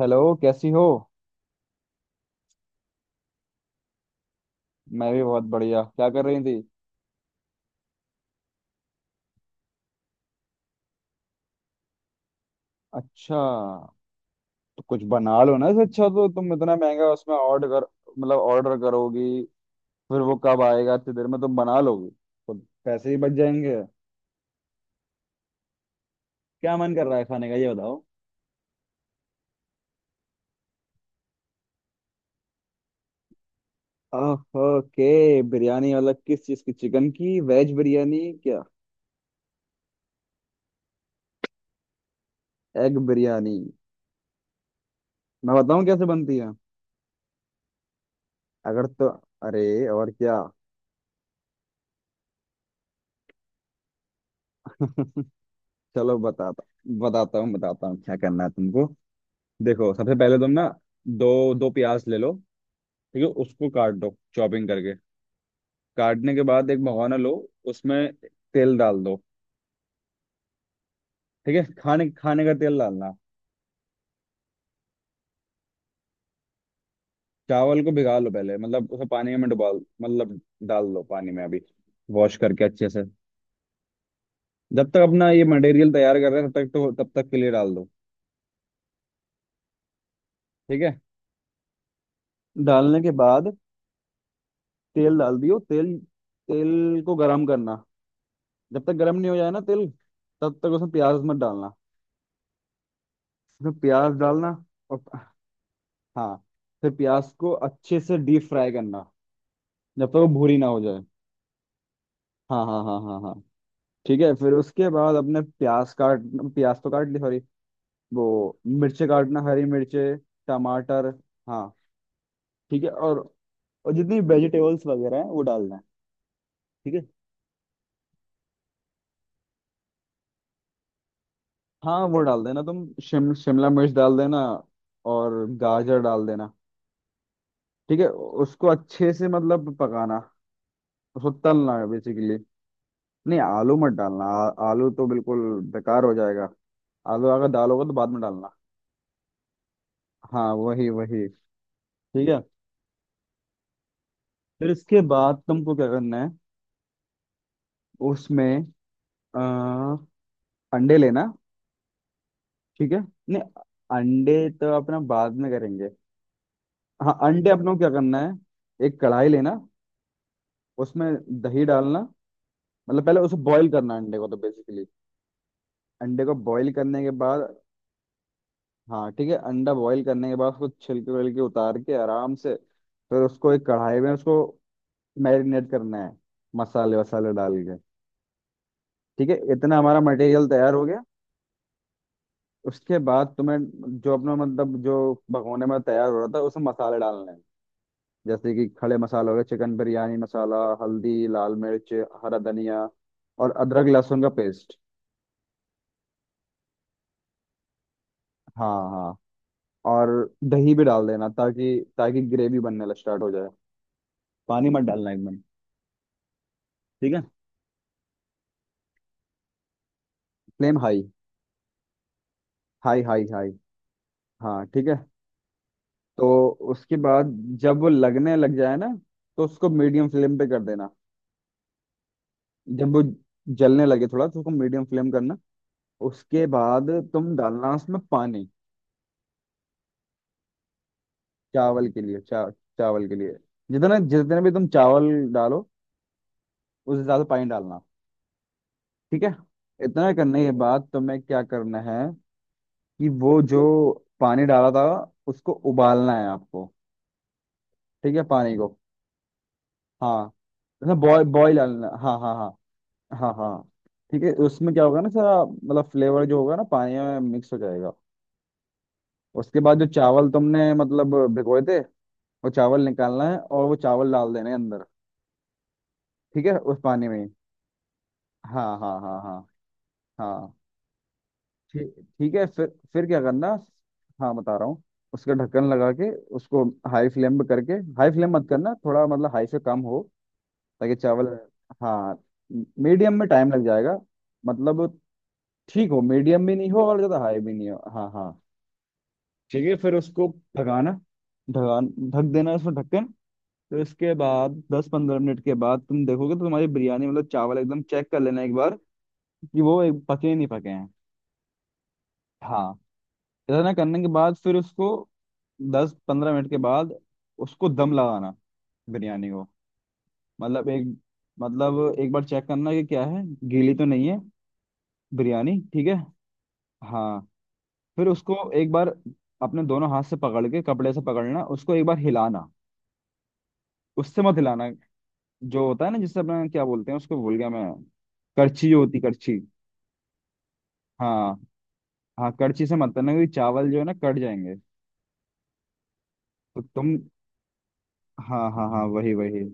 Hello, कैसी हो। मैं भी बहुत बढ़िया। क्या कर रही थी। अच्छा। तो कुछ बना लो ना, इससे अच्छा। तो तुम इतना महंगा उसमें ऑर्डर कर, मतलब ऑर्डर करोगी फिर वो कब आएगा। इतनी देर में तुम बना लोगी तो पैसे ही बच जाएंगे। क्या मन कर रहा है खाने का, ये बताओ। आह, ओके, बिरयानी मतलब किस चीज़ की, चिकन की, वेज बिरयानी क्या। एग बिरयानी। मैं बताऊँ कैसे बनती है। अगर तो अरे, और क्या। चलो, बताता बताता हूँ क्या करना है तुमको। देखो, सबसे पहले तुम ना दो दो प्याज ले लो। ठीक है, उसको काट दो चॉपिंग करके। काटने के बाद एक भगोना लो, उसमें तेल डाल दो। ठीक है, खाने खाने का तेल डालना। चावल को भिगा लो पहले, मतलब उसे पानी में डुबा, मतलब डाल दो पानी में अभी, वॉश करके अच्छे से। जब तक अपना ये मटेरियल तैयार कर रहे हैं तब तक के लिए डाल दो। ठीक है। डालने के बाद तेल डाल दियो, तेल। तेल को गरम करना, जब तक गरम नहीं हो जाए ना तेल तब तक उसमें प्याज मत डालना। उसमें प्याज डालना, और हाँ, फिर प्याज को अच्छे से डीप फ्राई करना जब तक वो भूरी ना हो जाए। हाँ हाँ हाँ हाँ हाँ। ठीक है, फिर उसके बाद अपने प्याज काट प्याज तो काट ली, सॉरी। वो मिर्चे काटना, हरी मिर्चे, टमाटर, हाँ। ठीक है, और जितनी वेजिटेबल्स वगैरह हैं वो डालना है। ठीक है। हाँ, वो डाल देना, तुम शिमला मिर्च डाल देना, और गाजर डाल देना। ठीक है। उसको अच्छे से मतलब पकाना, उसको तलना है बेसिकली। नहीं, आलू मत डालना, आलू तो बिल्कुल बेकार हो जाएगा। आलू अगर डालोगे तो बाद में डालना। हाँ, वही वही। ठीक है। फिर इसके बाद तुमको क्या करना है, उसमें आ, अंडे लेना। ठीक है। नहीं, अंडे तो अपना बाद में करेंगे। हाँ, अंडे अपने को क्या करना है, एक कढ़ाई लेना, उसमें दही डालना। मतलब पहले उसे बॉईल करना, अंडे को, तो बेसिकली। अंडे को बॉईल करने के बाद, हाँ ठीक है, अंडा बॉईल करने के बाद उसको छिलके विलके उतार के आराम से, फिर उसको एक कढ़ाई में उसको मैरिनेट करना है, मसाले वसाले डाल के। ठीक है, इतना हमारा मटेरियल तैयार हो गया। उसके बाद तुम्हें जो अपना, मतलब जो भगोने में तैयार हो रहा था उसमें मसाले डालने हैं, जैसे कि खड़े मसाले हो गए, चिकन बिरयानी मसाला, हल्दी, लाल मिर्च, हरा धनिया, और अदरक लहसुन का पेस्ट। हाँ हाँ, और दही भी डाल देना ताकि ताकि ग्रेवी बनने लग स्टार्ट हो जाए। पानी मत डालना एकदम। ठीक है। Flame high, high high high, हाँ ठीक है। तो उसके बाद जब वो लगने लग जाए ना तो उसको मीडियम फ्लेम पे कर देना। जब वो जलने लगे थोड़ा तो उसको मीडियम फ्लेम करना। उसके बाद तुम डालना उसमें पानी, चावल के लिए। चावल के लिए, जितना, जितने भी तुम चावल डालो उस हिसाब से पानी डालना। ठीक है। इतना करने के बाद तुम्हें क्या करना है कि वो जो पानी डाला था उसको उबालना है आपको। ठीक है, पानी को, हाँ, मतलब बॉयल डालना, हाँ हाँ हाँ हाँ हाँ। ठीक है, उसमें क्या होगा ना, सारा मतलब फ्लेवर जो होगा ना पानी में मिक्स हो जाएगा। उसके बाद जो चावल तुमने मतलब भिगोए थे, वो चावल निकालना है और वो चावल डाल देने हैं अंदर। ठीक है, उस पानी में। हाँ हाँ हाँ हाँ हाँ। ठीक ठीक है, फिर क्या करना, हाँ बता रहा हूँ। उसका ढक्कन लगा के उसको हाई फ्लेम पे करके, हाई फ्लेम मत करना, थोड़ा मतलब हाई से कम हो ताकि चावल, हाँ। मीडियम में टाइम लग जाएगा, मतलब ठीक हो, मीडियम भी नहीं हो और ज़्यादा हाई भी नहीं हो, हाँ हाँ। ठीक है, फिर उसको ढकाना ढकान ढक देना, उसमें ढक्कन। तो इसके बाद 10-15 मिनट के बाद तुम देखोगे तो तुम्हारी बिरयानी, मतलब चावल एकदम चेक कर लेना एक बार, कि वो एक पके नहीं पके हैं। हाँ। इतना करने के बाद फिर उसको 10-15 मिनट के बाद उसको दम लगाना, बिरयानी को। मतलब एक बार चेक करना कि क्या है, गीली तो नहीं है बिरयानी, ठीक है। हाँ, फिर उसको एक बार अपने दोनों हाथ से पकड़ के, कपड़े से पकड़ना उसको, एक बार हिलाना। उससे मत हिलाना जो होता है ना, जिससे अपना, क्या बोलते हैं उसको, भूल गया मैं, करछी, जो होती करछी, हाँ हाँ। कड़ची से मत करना क्योंकि चावल जो है ना कट जाएंगे तो तुम, हाँ हाँ हाँ, वही वही।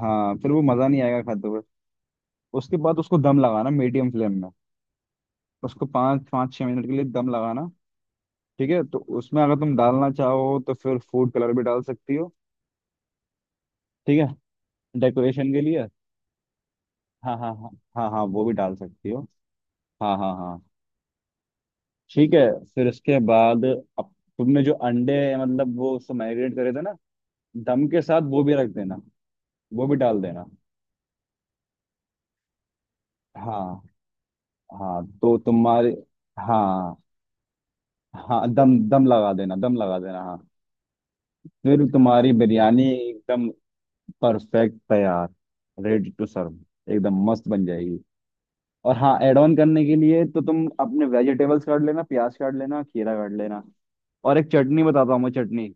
हाँ, फिर वो मज़ा नहीं आएगा खाते हुए। उसके बाद उसको दम लगाना मीडियम फ्लेम में, उसको पाँच पाँच छः मिनट के लिए दम लगाना। ठीक है, तो उसमें अगर तुम डालना चाहो तो फिर फूड कलर भी डाल सकती हो। ठीक है, डेकोरेशन के लिए। हाँ हाँ हाँ हाँ हाँ, वो भी डाल सकती हो, हाँ हाँ हाँ। ठीक है, फिर इसके बाद अब तुमने जो अंडे, मतलब वो उसको मैरिनेट करे थे ना, दम के साथ वो भी रख देना, वो भी डाल देना, हाँ हाँ, तो तुम्हारे, हाँ हाँ, दम दम लगा देना, दम लगा देना, हाँ। फिर तुम्हारी बिरयानी एकदम परफेक्ट तैयार, रेडी टू सर्व एकदम मस्त बन जाएगी। और हाँ, एड ऑन करने के लिए तो तुम अपने वेजिटेबल्स काट लेना, प्याज काट लेना, खीरा काट लेना, और एक चटनी बताता हूँ मैं, चटनी,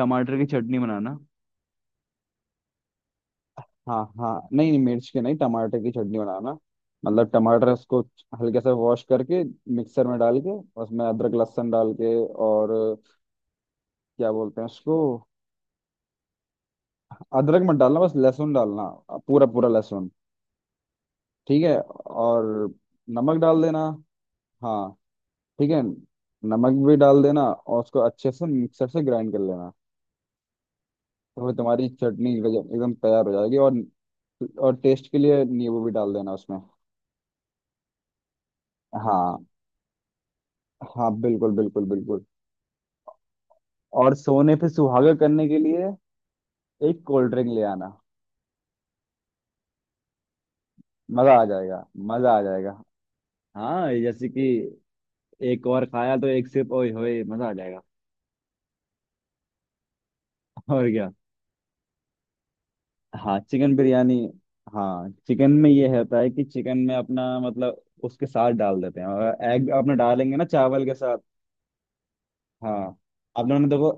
टमाटर की चटनी बनाना। हाँ हाँ, नहीं नहीं, मिर्च की नहीं, टमाटर की चटनी बनाना। मतलब टमाटर, उसको हल्के से वॉश करके मिक्सर में डाल के, उसमें अदरक लहसुन डाल के, और क्या बोलते हैं उसको, अदरक मत डालना बस लहसुन डालना, पूरा पूरा लहसुन। ठीक है, और नमक डाल देना, हाँ ठीक है, नमक भी डाल देना और उसको अच्छे से मिक्सर से ग्राइंड कर लेना। तो फिर तुम्हारी चटनी एकदम तैयार हो जाएगी। और टेस्ट के लिए नींबू भी डाल देना उसमें, हाँ हाँ, बिल्कुल बिल्कुल बिल्कुल। और सोने पे सुहागा करने के लिए एक कोल्ड ड्रिंक ले आना। मजा आ जाएगा, मजा आ जाएगा। हाँ, जैसे कि एक और खाया तो एक सिप, ओए होए मजा आ जाएगा। और क्या। हाँ, चिकन बिरयानी। हाँ, चिकन में ये रहता है कि चिकन में अपना, मतलब उसके साथ डाल देते हैं, और एग अपना डालेंगे ना चावल के साथ। हाँ, आप लोगों ने देखो,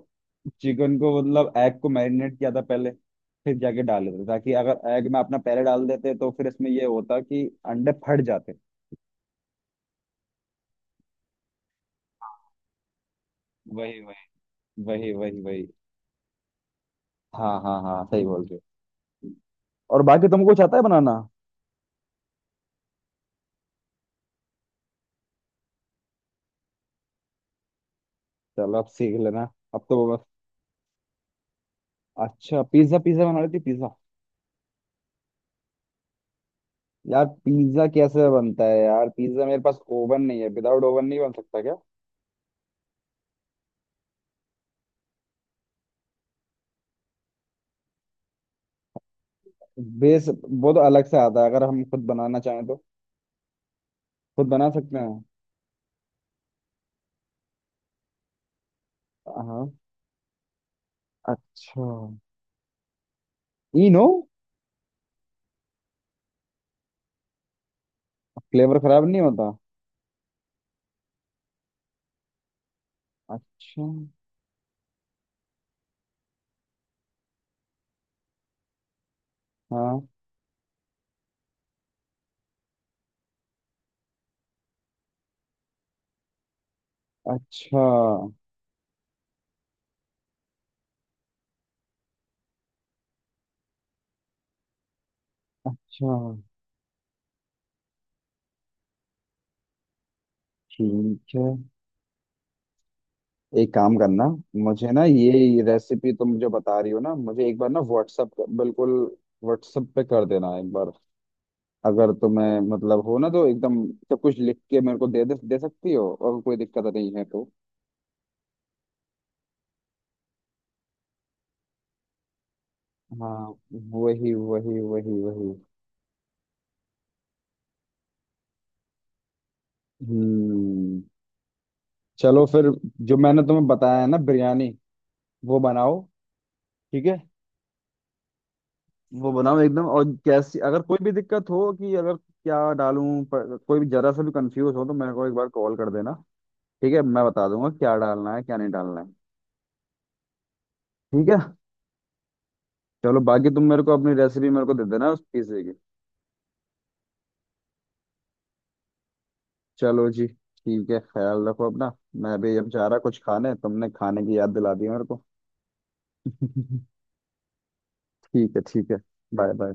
चिकन को, मतलब एग को मैरिनेट किया था पहले फिर जाके डाल देते, ताकि अगर एग में अपना पहले डाल देते तो फिर इसमें ये होता कि अंडे फट जाते। वही वही वही वही वही। हाँ हाँ हाँ, सही बोल रहे हो। और बाकी तुमको कुछ आता है बनाना। चलो अब सीख लेना। अब तो बस, अच्छा, पिज्जा पिज्जा बना लेती पिज्जा। यार पिज्जा कैसे बनता है, यार पिज्जा, मेरे पास ओवन नहीं है, विदाउट ओवन नहीं बन सकता क्या। बेस, वो तो अलग से आता है, अगर हम खुद बनाना चाहें तो खुद बना सकते हैं। हाँ, अच्छा, ई नो, फ्लेवर खराब नहीं होता। अच्छा, हाँ, अच्छा अच्छा, ठीक है। एक काम करना, मुझे ना ये रेसिपी तुम जो बता रही हो ना, मुझे एक बार ना व्हाट्सअप, बिल्कुल व्हाट्सअप पे कर देना एक बार, अगर तुम्हें मतलब हो ना तो एकदम सब कुछ लिख के मेरे को दे दे, दे सकती हो अगर कोई दिक्कत नहीं है तो। हाँ, वही वही वही वही। हम्म, चलो फिर, जो मैंने तुम्हें बताया है ना बिरयानी, वो बनाओ। ठीक है, वो बनाओ एकदम, और कैसी अगर कोई भी दिक्कत हो कि अगर क्या डालूं, पर कोई भी जरा सा भी कंफ्यूज हो तो मेरे को एक बार कॉल कर देना। ठीक है, मैं बता दूंगा क्या डालना है क्या नहीं डालना है। ठीक है, चलो बाकी तुम मेरे को अपनी रेसिपी मेरे को दे देना उस पिज्जे की। चलो जी, ठीक है, ख्याल रखो अपना। मैं अभी अब जा रहा कुछ खाने, तुमने खाने की याद दिला दी मेरे को। ठीक है ठीक है, बाय बाय।